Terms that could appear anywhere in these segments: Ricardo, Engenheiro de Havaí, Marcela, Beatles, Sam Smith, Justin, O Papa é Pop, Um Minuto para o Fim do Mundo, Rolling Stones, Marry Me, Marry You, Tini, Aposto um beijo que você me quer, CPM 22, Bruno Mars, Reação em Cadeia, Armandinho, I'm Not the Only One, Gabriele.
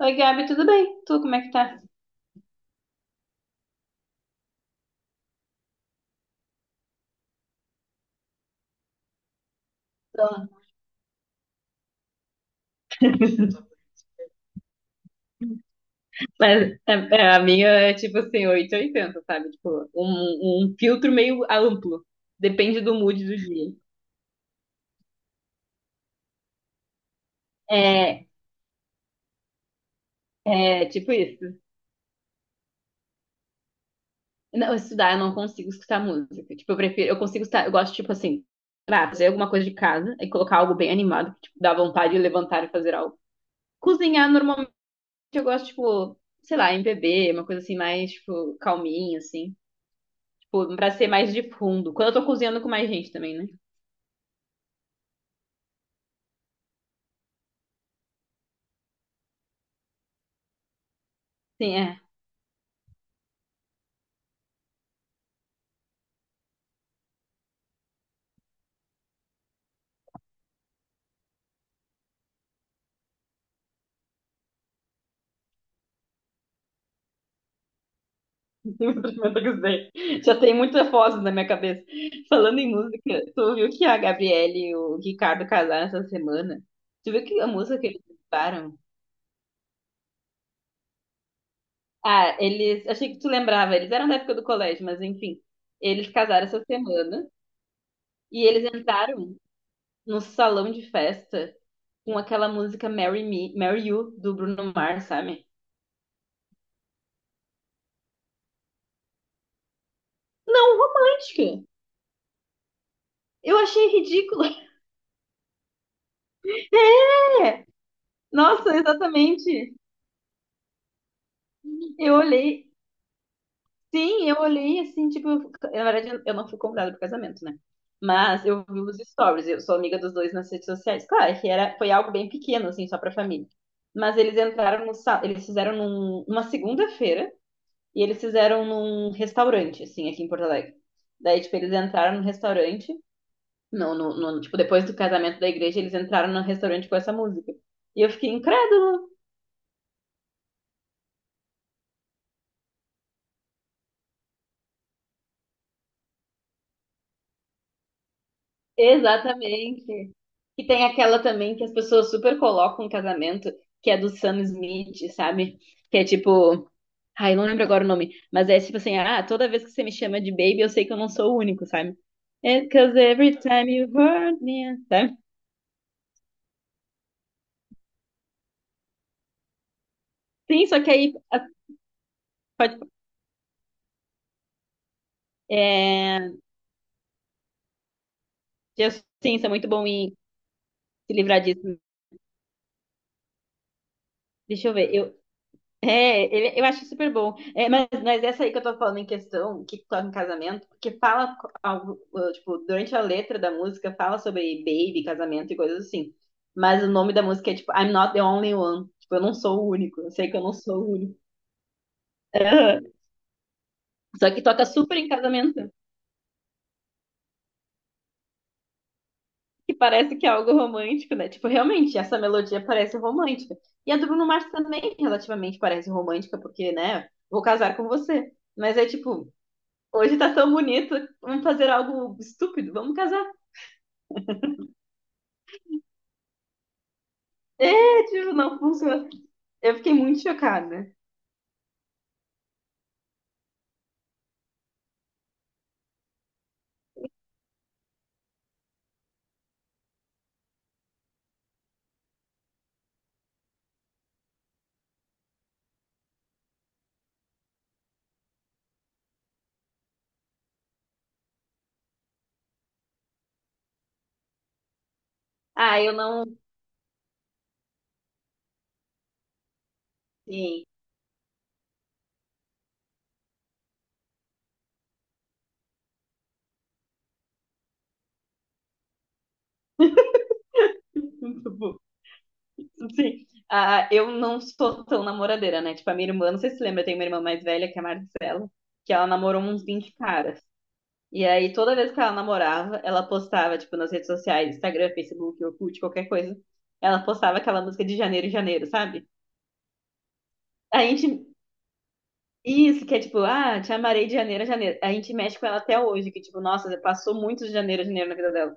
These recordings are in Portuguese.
Oi, Gabi, tudo bem? Tu, como é que tá? Então, mas é, a minha é tipo assim, 880, sabe? Tipo, um filtro meio amplo. Depende do mood do dia. É, é tipo isso. Não, estudar, eu não consigo escutar música. Tipo, eu prefiro, eu consigo escutar, eu gosto, tipo assim, pra fazer alguma coisa de casa e colocar algo bem animado, que, tipo, dá vontade de levantar e fazer algo. Cozinhar, normalmente, eu gosto, tipo, sei lá, MPB, uma coisa assim, mais, tipo, calminha, assim. Tipo, pra ser mais de fundo. Quando eu tô cozinhando com mais gente também, né? Sim, é. Primeiro eu sei. Já tem muita foto na minha cabeça. Falando em música, tu viu que a Gabriele e o Ricardo casaram essa semana? Tu viu que a música que eles participaram? Ah, eles. Achei que tu lembrava, eles eram da época do colégio, mas enfim. Eles casaram essa semana e eles entraram no salão de festa com aquela música Marry Me, Marry You, do Bruno Mars, sabe? Não, romântica! Eu achei ridículo. É! Nossa, exatamente. Eu olhei. Sim, eu olhei assim, tipo, na verdade eu não fui convidada pro casamento, né? Mas eu vi os stories, eu sou amiga dos dois nas redes sociais. Claro que era, foi algo bem pequeno, assim, só pra família. Mas eles entraram no, sa- eles fizeram uma segunda-feira e eles fizeram num restaurante, assim, aqui em Porto Alegre. Daí, tipo, eles entraram no restaurante, tipo, depois do casamento da igreja, eles entraram no restaurante com essa música. E eu fiquei incrédula. Exatamente. E tem aquela também que as pessoas super colocam no casamento, que é do Sam Smith, sabe? Que é tipo, ai, não lembro agora o nome, mas é tipo assim, ah, toda vez que você me chama de baby, eu sei que eu não sou o único, sabe? It's cause every time you hurt me, sabe? Sim, só que aí pode, é, Justin é muito bom em se livrar disso. Deixa eu ver. Eu É, eu acho super bom. É, mas essa aí que eu tô falando em questão, que toca em casamento, porque fala algo, tipo, durante a letra da música fala sobre baby, casamento e coisas assim. Mas o nome da música é tipo I'm Not the Only One. Tipo, eu não sou o único. Eu sei que eu não sou o único. Aham. Só que toca super em casamento, que parece que é algo romântico, né? Tipo, realmente, essa melodia parece romântica. E a do Bruno Mars também relativamente parece romântica, porque, né, vou casar com você. Mas é tipo. Hoje tá tão bonito, vamos fazer algo estúpido, vamos casar. É, tipo, não funciona. Eu fiquei muito chocada. Ah, eu não. Sim. Sim. Ah, eu não sou tão namoradeira, né? Tipo, a minha irmã, não sei se você lembra, eu tenho uma irmã mais velha, que é a Marcela, que ela namorou uns 20 caras. E aí, toda vez que ela namorava, ela postava, tipo, nas redes sociais, Instagram, Facebook, Orkut, qualquer coisa. Ela postava aquela música de Janeiro, Janeiro, sabe? A gente isso, que é tipo, ah, te amarei de janeiro a janeiro. A gente mexe com ela até hoje, que tipo, nossa, passou muito de janeiro a janeiro na vida dela.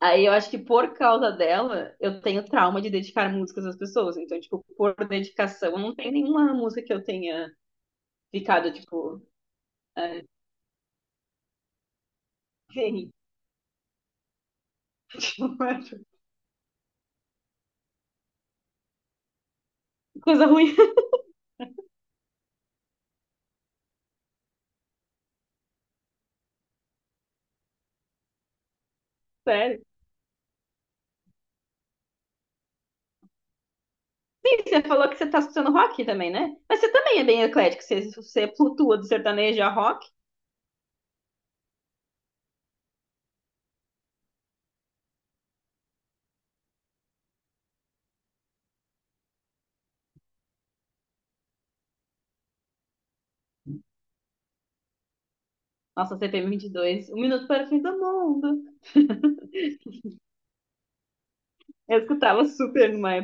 Aí eu acho que por causa dela, eu tenho trauma de dedicar músicas às pessoas. Então, tipo, por dedicação, não tem nenhuma música que eu tenha ficado, tipo, ah, gente, coisa ruim, sério. Sim, você falou que você tá escutando rock também, né? Mas você também é bem eclético, você, você flutua do sertanejo a rock. Nossa, CPM 22, Um Minuto para o Fim do Mundo. Eu escutava super numa.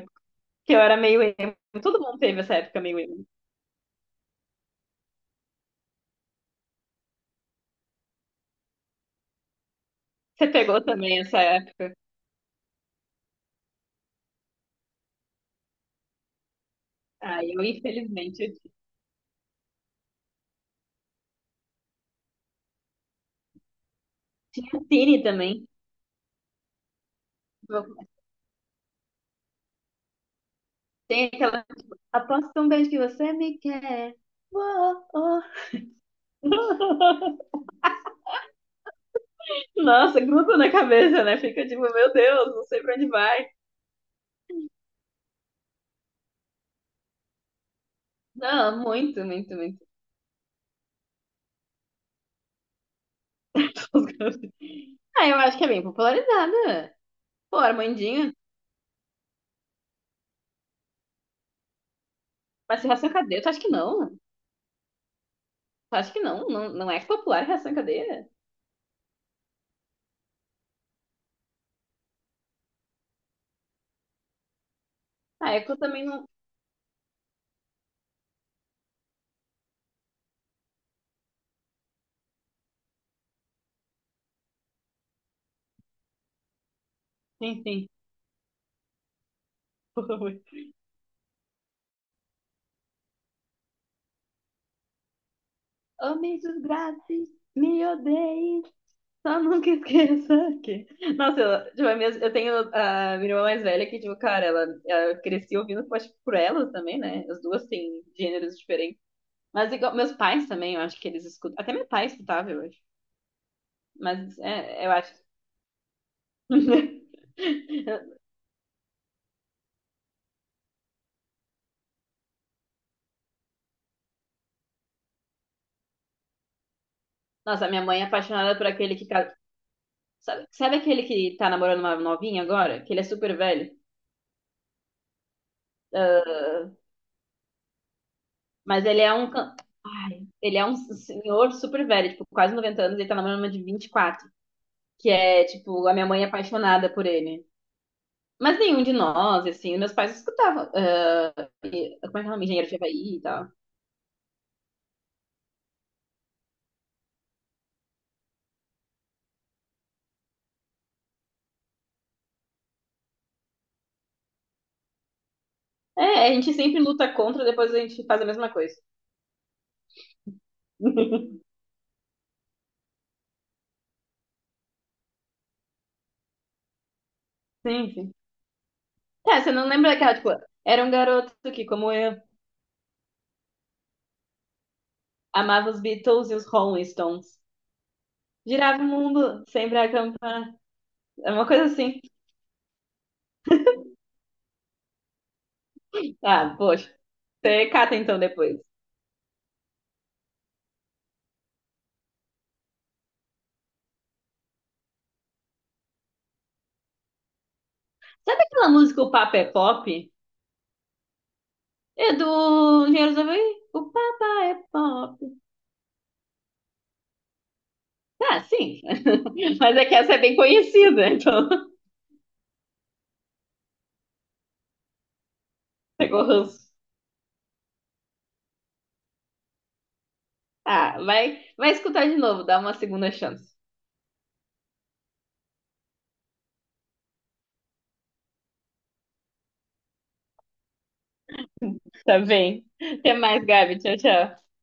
Que eu era meio emo. Todo mundo teve essa época meio emo. Você pegou também essa época? Ah, eu infelizmente eu tinha Tini também. Tem aquela. Aposto um beijo que você me quer. Uou, uou. Nossa, gruda na cabeça, né? Fica tipo, meu Deus, não sei pra onde vai. Não, muito, muito, muito. Ah, eu acho que é bem popularizada. Pô, Armandinho. Mas se Reação em Cadeia, tu acha que não? Tu acha que não? Não, não é popular Reação em Cadeia? Ah, é que eu também não. Sim, sim. Foi. Oh, me desgrace, me odeie, só nunca esqueça que. Nossa, eu, tipo, eu tenho a minha irmã mais velha que, tipo, cara, ela crescia ouvindo Pode por elas também, né? As duas têm gêneros diferentes. Mas igual, meus pais também, eu acho que eles escutam. Até meu pai escutava, eu acho. Mas é, eu acho. Nossa, minha mãe é apaixonada por aquele que. Sabe, sabe aquele que tá namorando uma novinha agora? Que ele é super velho? Ah, mas ele é um. Ai, ele é um senhor super velho, tipo, quase 90 anos, ele tá namorando uma de 24. Que é, tipo, a minha mãe é apaixonada por ele. Mas nenhum de nós, assim, meus pais escutavam. Ah, como é que é o nome? Engenheiro de Havaí e tal. É, a gente sempre luta contra, depois a gente faz a mesma coisa. Sim, sim. Tá, você não lembra daquela, tipo, era um garoto que, como eu, amava os Beatles e os Rolling Stones. Girava o mundo, sempre a acampar. É uma coisa assim. Ah, poxa. Você cata então depois. Sabe aquela música O Papa é Pop? É do Engenheiros do O Papa é Pop. Ah, sim. Mas é que essa é bem conhecida, então. Pegou ranço. Ah, vai, vai escutar de novo, dá uma segunda chance. Tá bem. Até mais, Gabi. Tchau, tchau.